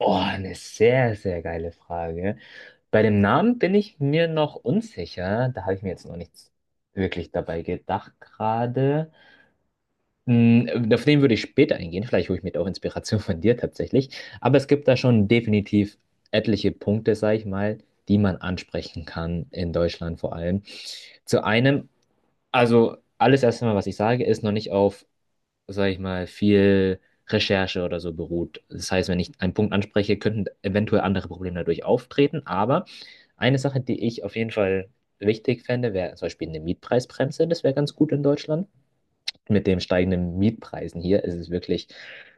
Oh, eine sehr, sehr geile Frage. Bei dem Namen bin ich mir noch unsicher. Da habe ich mir jetzt noch nichts wirklich dabei gedacht gerade. Auf den würde ich später eingehen. Vielleicht hole ich mir auch Inspiration von dir tatsächlich. Aber es gibt da schon definitiv etliche Punkte, sag ich mal, die man ansprechen kann, in Deutschland vor allem. Zu einem, also alles erstmal, was ich sage, ist noch nicht auf, sage ich mal, viel Recherche oder so beruht. Das heißt, wenn ich einen Punkt anspreche, könnten eventuell andere Probleme dadurch auftreten. Aber eine Sache, die ich auf jeden Fall wichtig fände, wäre zum Beispiel eine Mietpreisbremse. Das wäre ganz gut in Deutschland, mit den steigenden Mietpreisen hier ist es wirklich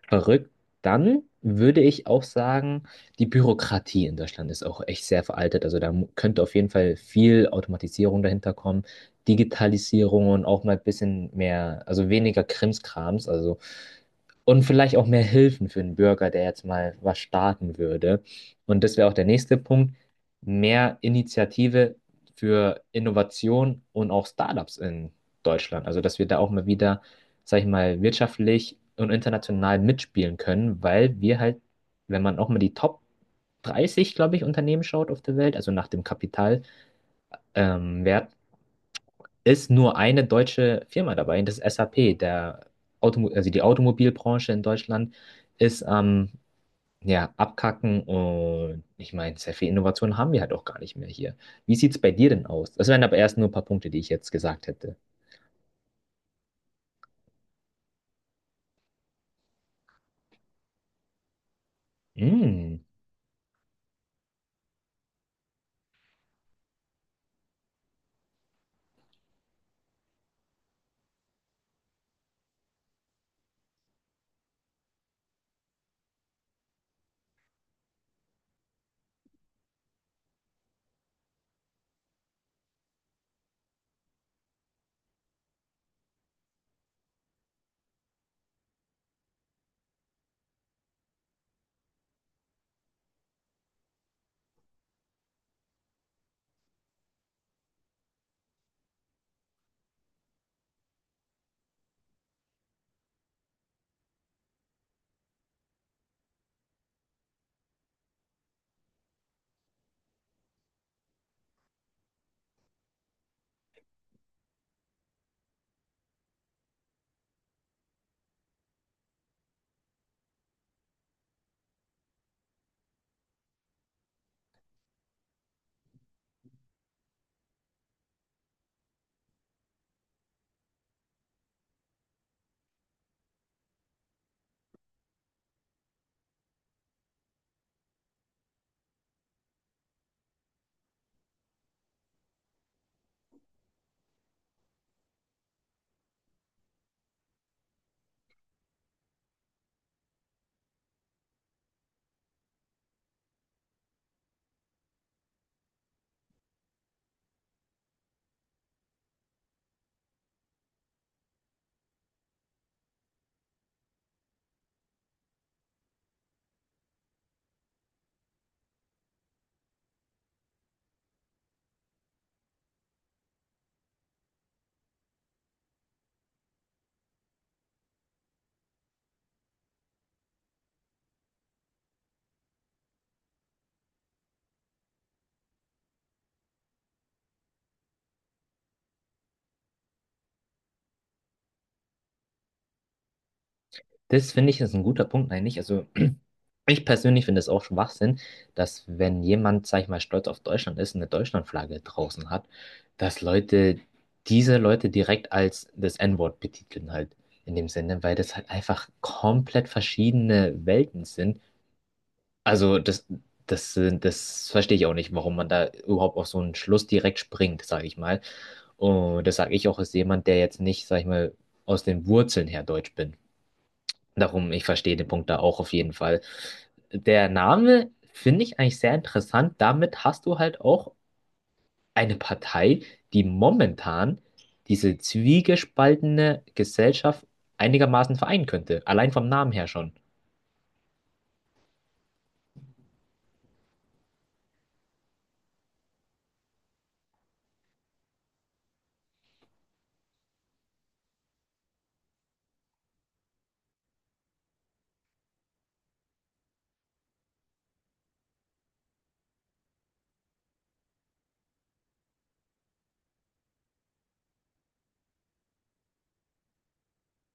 verrückt. Dann würde ich auch sagen, die Bürokratie in Deutschland ist auch echt sehr veraltet. Also da könnte auf jeden Fall viel Automatisierung dahinter kommen, Digitalisierung und auch mal ein bisschen mehr, also weniger Krimskrams, also, und vielleicht auch mehr Hilfen für den Bürger, der jetzt mal was starten würde. Und das wäre auch der nächste Punkt: mehr Initiative für Innovation und auch Startups in Deutschland. Also dass wir da auch mal wieder, sag ich mal, wirtschaftlich und international mitspielen können, weil wir halt, wenn man auch mal die Top 30, glaube ich, Unternehmen schaut auf der Welt, also nach dem Kapitalwert, Wert, ist nur eine deutsche Firma dabei, das ist SAP. Der Automo also die Automobilbranche in Deutschland ist am, ja, Abkacken, und ich meine, sehr viel Innovation haben wir halt auch gar nicht mehr hier. Wie sieht es bei dir denn aus? Das wären aber erst nur ein paar Punkte, die ich jetzt gesagt hätte. Mm, das finde ich ist ein guter Punkt eigentlich. Also ich persönlich finde es auch Schwachsinn, dass, wenn jemand, sag ich mal, stolz auf Deutschland ist und eine Deutschlandflagge draußen hat, dass Leute diese Leute direkt als das N-Wort betiteln halt, in dem Sinne, weil das halt einfach komplett verschiedene Welten sind. Also das verstehe ich auch nicht, warum man da überhaupt auf so einen Schluss direkt springt, sage ich mal. Und das sage ich auch als jemand, der jetzt nicht, sag ich mal, aus den Wurzeln her deutsch bin. Darum, ich verstehe den Punkt da auch auf jeden Fall. Der Name finde ich eigentlich sehr interessant. Damit hast du halt auch eine Partei, die momentan diese zwiegespaltene Gesellschaft einigermaßen vereinen könnte. Allein vom Namen her schon.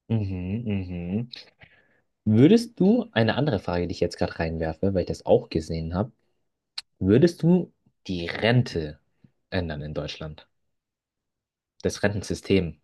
Mhm, mhm. Würdest du, eine andere Frage, die ich jetzt gerade reinwerfe, weil ich das auch gesehen habe, würdest du die Rente ändern in Deutschland? Das Rentensystem?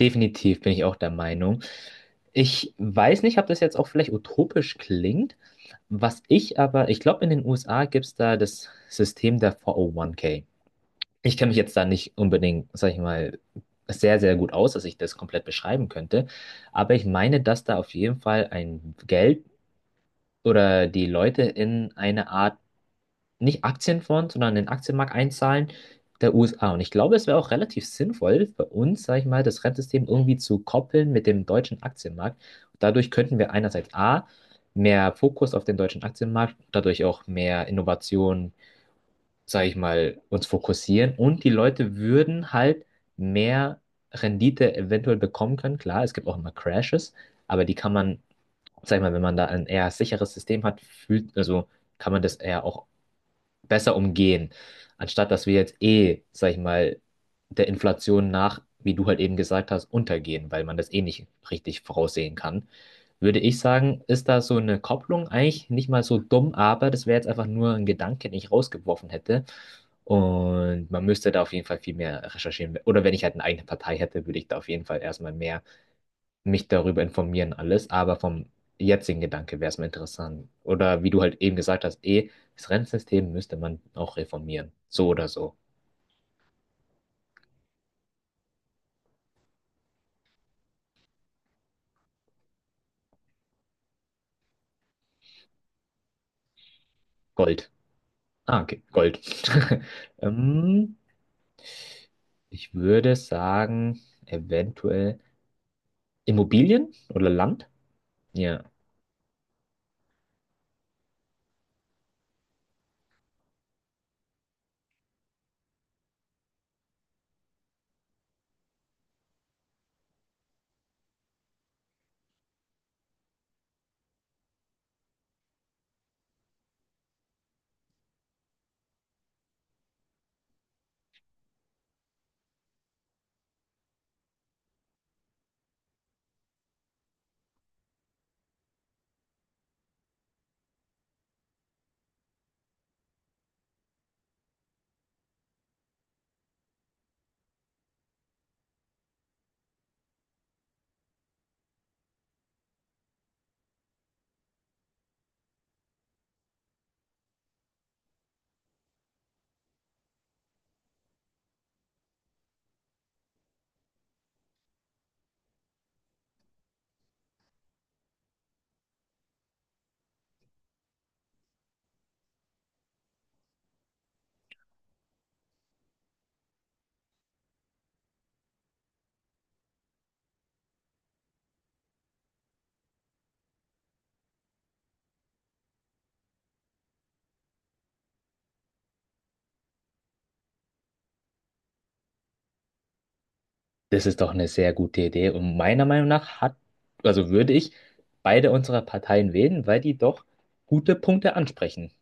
Definitiv bin ich auch der Meinung. Ich weiß nicht, ob das jetzt auch vielleicht utopisch klingt. Was ich aber, ich glaube, in den USA gibt es da, das System der 401k. Ich kenne mich jetzt da nicht unbedingt, sag ich mal, sehr, sehr gut aus, dass ich das komplett beschreiben könnte. Aber ich meine, dass da auf jeden Fall ein Geld oder die Leute in eine Art, nicht Aktienfonds, sondern in den Aktienmarkt einzahlen, der USA. Und ich glaube, es wäre auch relativ sinnvoll für uns, sage ich mal, das Rentensystem irgendwie zu koppeln mit dem deutschen Aktienmarkt. Dadurch könnten wir einerseits A, mehr Fokus auf den deutschen Aktienmarkt, dadurch auch mehr Innovation, sage ich mal, uns fokussieren, und die Leute würden halt mehr Rendite eventuell bekommen können. Klar, es gibt auch immer Crashes, aber die kann man, sag ich mal, wenn man da ein eher sicheres System hat, fühlt, also kann man das eher auch besser umgehen, anstatt dass wir jetzt, eh, sag ich mal, der Inflation nach, wie du halt eben gesagt hast, untergehen. Weil man das eh nicht richtig voraussehen kann, würde ich sagen, ist da so eine Kopplung eigentlich nicht mal so dumm, aber das wäre jetzt einfach nur ein Gedanke, den ich rausgeworfen hätte. Und man müsste da auf jeden Fall viel mehr recherchieren. Oder wenn ich halt eine eigene Partei hätte, würde ich da auf jeden Fall erstmal mehr mich darüber informieren, alles, aber vom jetzigen Gedanke wäre es mir interessant. Oder wie du halt eben gesagt hast, eh, das Rentensystem müsste man auch reformieren. So oder so. Gold. Ah, okay, Gold. ähm, ich würde sagen, eventuell Immobilien oder Land. Ja, das ist doch eine sehr gute Idee. Und meiner Meinung nach hat, also, würde ich beide unserer Parteien wählen, weil die doch gute Punkte ansprechen.